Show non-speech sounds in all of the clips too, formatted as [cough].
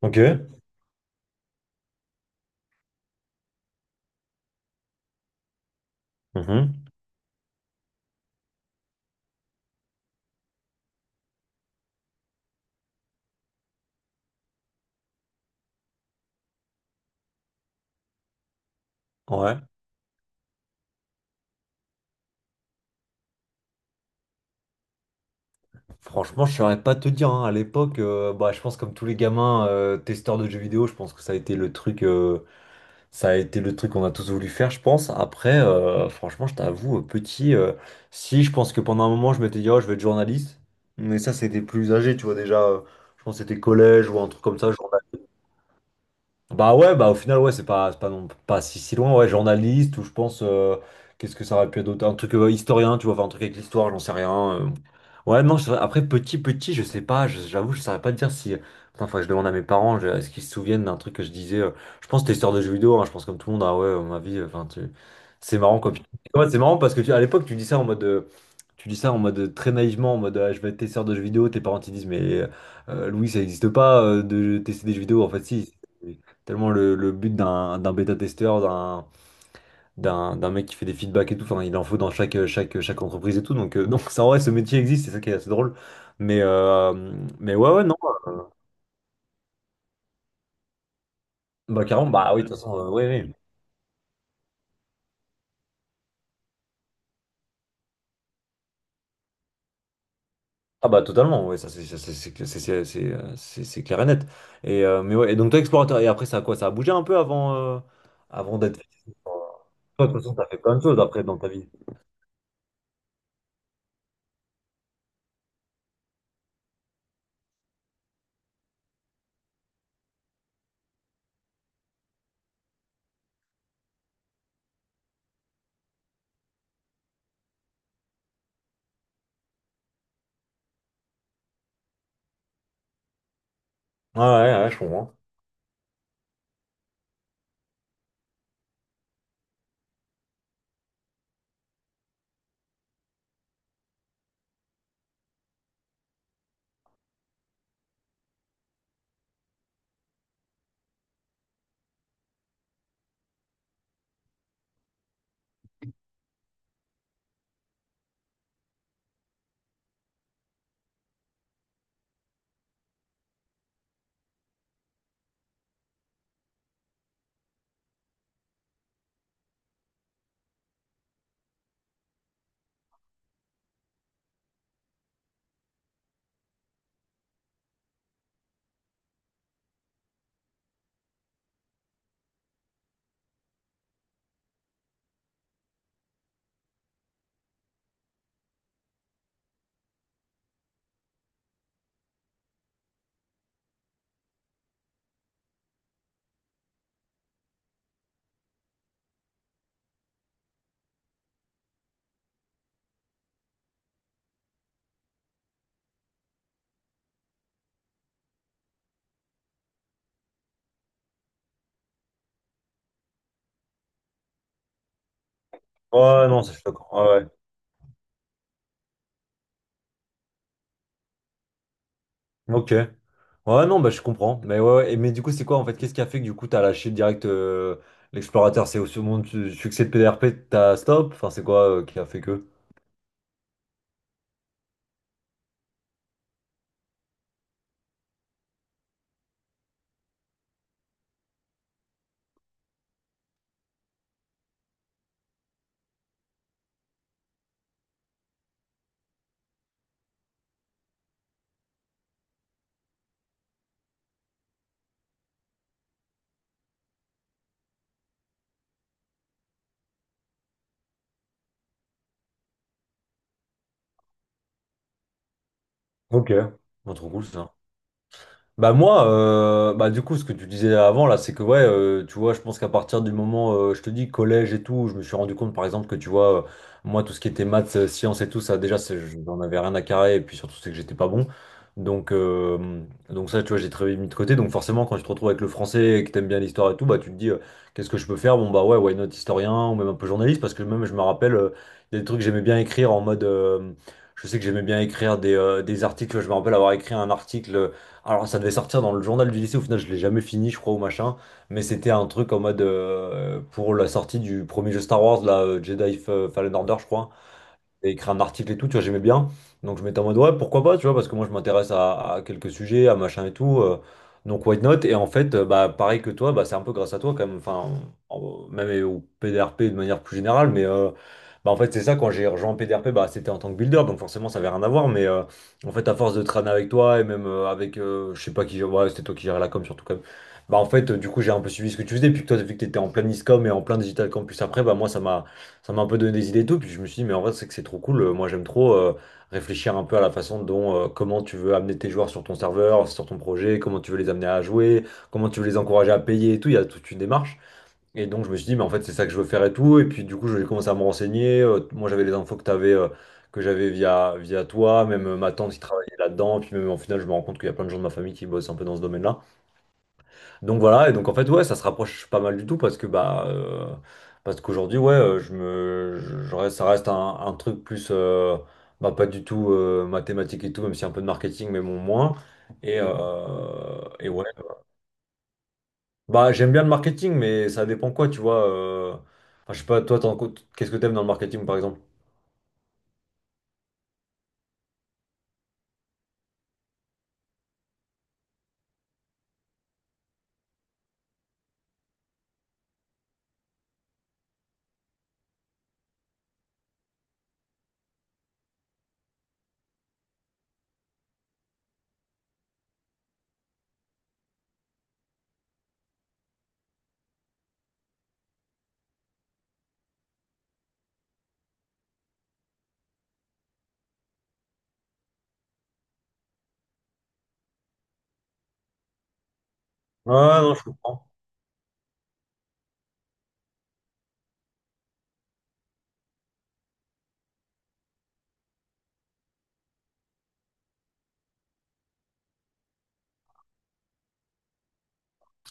Ok. Mhm. Ouais. Franchement, je saurais pas te dire, hein. À l'époque, bah, je pense comme tous les gamins testeurs de jeux vidéo, je pense que ça a été le truc qu'on a tous voulu faire, je pense. Après, franchement, je t'avoue, petit, si je pense que pendant un moment, je m'étais dit, oh, je vais être journaliste. Mais ça, c'était plus âgé, tu vois déjà. Je pense que c'était collège ou un truc comme ça, journaliste. Bah ouais, bah au final, ouais, c'est pas, non, pas si loin, ouais, journaliste, ou je pense, qu'est-ce que ça aurait pu être d'autre? Un truc historien, tu vois, enfin, un truc avec l'histoire, j'en sais rien. Ouais, non, je après, petit, je sais pas, j'avoue, je saurais pas te dire si. Putain, faudrait que je demande à mes parents, est-ce qu'ils se souviennent d'un truc que je disais. Je pense que c'était histoire de jeux vidéo, hein, je pense comme tout le monde, ah ouais, ma vie, enfin, tu... c'est marrant, quoi. Ouais, c'est marrant parce que à l'époque, tu dis ça en mode. Tu dis ça en mode très naïvement, en mode ah, je vais être testeur de jeux vidéo, tes parents ils disent mais Louis ça n'existe pas de tester des jeux vidéo, en fait si. Tellement le but d'un bêta-testeur, d'un mec qui fait des feedbacks et tout, enfin, il en faut dans chaque entreprise et tout. Donc, [laughs] donc ça, en vrai, ce métier existe, c'est ça qui est assez drôle. Mais, euh, mais ouais, ouais, non. euh, Bah, carrément, bah oui, de toute façon, oui, oui. Ah, bah, totalement, ouais ça, c'est ça, c'est clair et net. Et, mais ouais, et donc, toi, explorateur, et après, ça a quoi? Ça a bougé un peu avant, avant d'être. Toi, de toute façon, t'as fait plein de choses après dans ta vie. Ouais, ouais, ouais, je comprends. Ouais, non, ça, je suis d'accord. Ouais, ouais. Ok. Ouais, non, bah, je comprends. Mais ouais, ouais. Mais du coup, c'est quoi en fait? Qu'est-ce qui a fait que du coup, t'as lâché direct l'explorateur? C'est au second succès de PDRP, t'as stop? Enfin, c'est quoi qui a fait que? Ok. Bon, trop cool ça. Bah moi, bah du coup, ce que tu disais avant là, c'est que ouais, tu vois, je pense qu'à partir du moment, je te dis collège et tout, je me suis rendu compte par exemple que tu vois, moi tout ce qui était maths, sciences et tout, ça déjà, je n'en avais rien à carrer et puis surtout c'est que j'étais pas bon. Donc euh, donc ça, tu vois, j'ai très mis de côté. Donc forcément, quand tu te retrouves avec le français et que t'aimes bien l'histoire et tout, bah tu te dis, qu'est-ce que je peux faire? Bon bah ouais, why not historien ou même un peu journaliste parce que même je me rappelle, il y a des trucs que j'aimais bien écrire en mode, je sais que j'aimais bien écrire des articles. Je me rappelle avoir écrit un article. Alors ça devait sortir dans le journal du lycée, au final je l'ai jamais fini je crois ou machin, mais c'était un truc en mode pour la sortie du premier jeu Star Wars, là, Fallen Order je crois, et écrire un article et tout, tu vois, j'aimais bien. Donc je m'étais en mode, ouais, pourquoi pas, tu vois, parce que moi je m'intéresse à quelques sujets, à machin et tout. Donc why not? Et en fait, bah, pareil que toi, bah, c'est un peu grâce à toi quand même, enfin, même au PDRP de manière plus générale, mais bah, en fait, c'est ça, quand j'ai rejoint PDRP, bah, c'était en tant que builder, donc forcément ça avait rien à voir, mais en fait, à force de traîner avec toi et même avec, je sais pas qui, ouais, c'était toi qui gérais la com surtout quand même. Bah en fait, du coup, j'ai un peu suivi ce que tu faisais, puis que toi, vu que tu étais en plein ISCOM et en plein Digital Campus après, bah moi, ça m'a un peu donné des idées et tout. Puis je me suis dit, mais en vrai, c'est que c'est trop cool. Moi, j'aime trop réfléchir un peu à la façon dont, comment tu veux amener tes joueurs sur ton serveur, sur ton projet, comment tu veux les amener à jouer, comment tu veux les encourager à payer et tout. Il y a toute une démarche. Et donc, je me suis dit, mais en fait, c'est ça que je veux faire et tout. Et puis, du coup, je vais commencer à me renseigner. Moi, j'avais les infos que t'avais, avais. Que j'avais via toi, même ma tante qui travaillait là-dedans, puis même en final, je me rends compte qu'il y a plein de gens de ma famille qui bossent un peu dans ce domaine-là. Donc voilà, et donc en fait, ouais, ça se rapproche pas mal du tout parce que bah parce qu'aujourd'hui, ouais, je me je reste- ça reste un truc plus bah pas du tout mathématique et tout, même si un peu de marketing, mais bon moins. Et ouais. Bah j'aime bien le marketing, mais ça dépend quoi, tu vois. Enfin, je sais pas, toi, qu'est-ce que t'aimes dans le marketing, par exemple? Ouais, non, je comprends.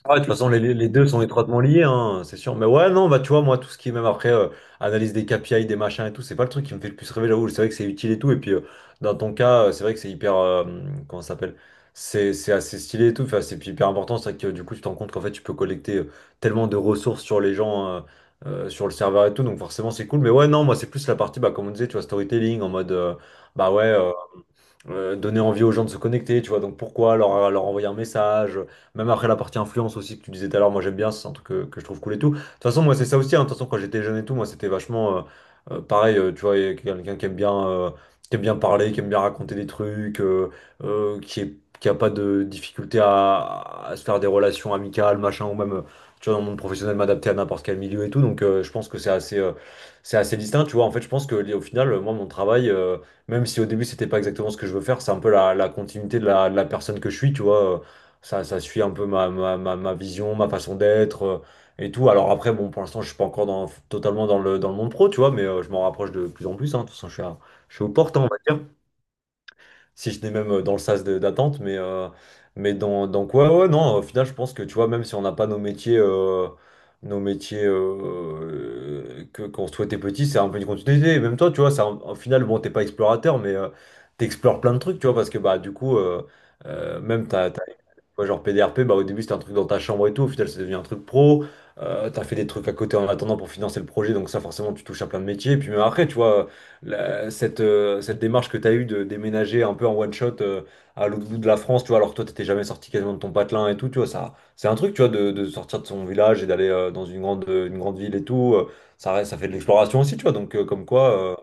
Ah ouais, de toute façon, les deux sont étroitement liés, hein, c'est sûr. Mais ouais, non, bah tu vois, moi, tout ce qui est même après analyse des KPI, des machins et tout, c'est pas le truc qui me fait le plus rêver là où. C'est vrai que c'est utile et tout. Et puis, dans ton cas, c'est vrai que c'est hyper. Comment ça s'appelle? C'est assez stylé et tout. Enfin, c'est hyper important. C'est vrai que du coup, tu te rends compte qu'en fait, tu peux collecter tellement de ressources sur les gens, sur le serveur et tout. Donc, forcément, c'est cool. Mais ouais, non, moi, c'est plus la partie, bah, comme on disait, tu vois, storytelling en mode. Bah ouais. Donner envie aux gens de se connecter, tu vois. Donc pourquoi leur envoyer un message, même après la partie influence aussi que tu disais tout à l'heure, moi j'aime bien, c'est un truc que je trouve cool et tout. De toute façon, moi c'est ça aussi, hein. De toute façon, quand j'étais jeune et tout, moi c'était vachement pareil, tu vois, et quelqu'un qui aime bien parler, qui aime bien raconter des trucs, qui est, qui a pas de difficulté à se faire des relations amicales, machin, ou même. Tu vois, dans le monde professionnel, m'adapter à n'importe quel milieu et tout. Donc, je pense que c'est assez distinct. Tu vois, en fait, je pense que au final, moi, mon travail, même si au début c'était pas exactement ce que je veux faire, c'est un peu la continuité de la personne que je suis, tu vois. Ça, ça suit un peu ma vision, ma façon d'être et tout. Alors après, bon, pour l'instant, je suis pas encore dans, totalement dans le monde pro, tu vois, mais je m'en rapproche de plus en plus, hein. De toute façon, je suis aux portes, hein, on va dire si je j'étais même dans le sas d'attente, mais dans quoi, ouais, non, au final, je pense que tu vois, même si on n'a pas nos métiers, que, qu'on souhaitait petit, c'est un peu une continuité. Et même toi, tu vois, au final, bon, t'es pas explorateur, mais t'explores plein de trucs, tu vois, parce que bah, du coup, euh, même t'as, ouais, genre PDRP, bah, au début c'était un truc dans ta chambre et tout, au final c'est devenu un truc pro. T'as fait des trucs à côté en attendant pour financer le projet, donc ça forcément tu touches à plein de métiers. Puis même après, tu vois, cette, cette démarche que t'as eue de déménager un peu en one shot à l'autre bout de la France, tu vois, alors que toi t'étais jamais sorti quasiment de ton patelin et tout, tu vois, ça, c'est un truc, tu vois, de sortir de son village et d'aller dans une grande ville et tout. Ça fait de l'exploration aussi, tu vois, donc comme quoi. euh,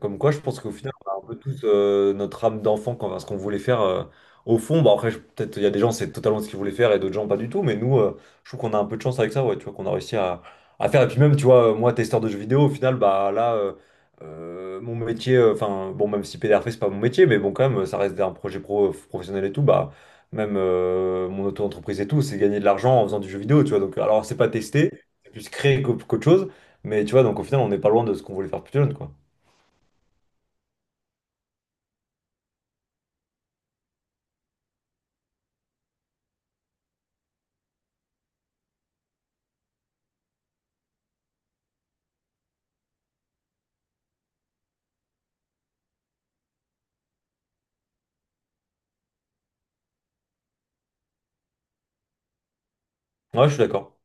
comme quoi, Je pense qu'au final, on a un peu tous notre âme d'enfant quand ce qu'on voulait faire. Au fond, bah après, peut-être il y a des gens, c'est totalement ce qu'ils voulaient faire et d'autres gens, pas du tout. Mais nous, je trouve qu'on a un peu de chance avec ça, ouais, tu vois, qu'on a réussi à faire. Et puis même, tu vois, moi, testeur de jeux vidéo, au final, bah là, mon métier, enfin, bon, même si PDRP, c'est pas mon métier, mais bon, quand même, ça reste un projet pro, professionnel et tout, bah, même mon auto-entreprise et tout, c'est gagner de l'argent en faisant du jeu vidéo, tu vois. Donc, alors, c'est pas tester, c'est plus créer qu'autre chose. Mais tu vois, donc au final, on n'est pas loin de ce qu'on voulait faire plus jeune, quoi. Ouais, je suis d'accord.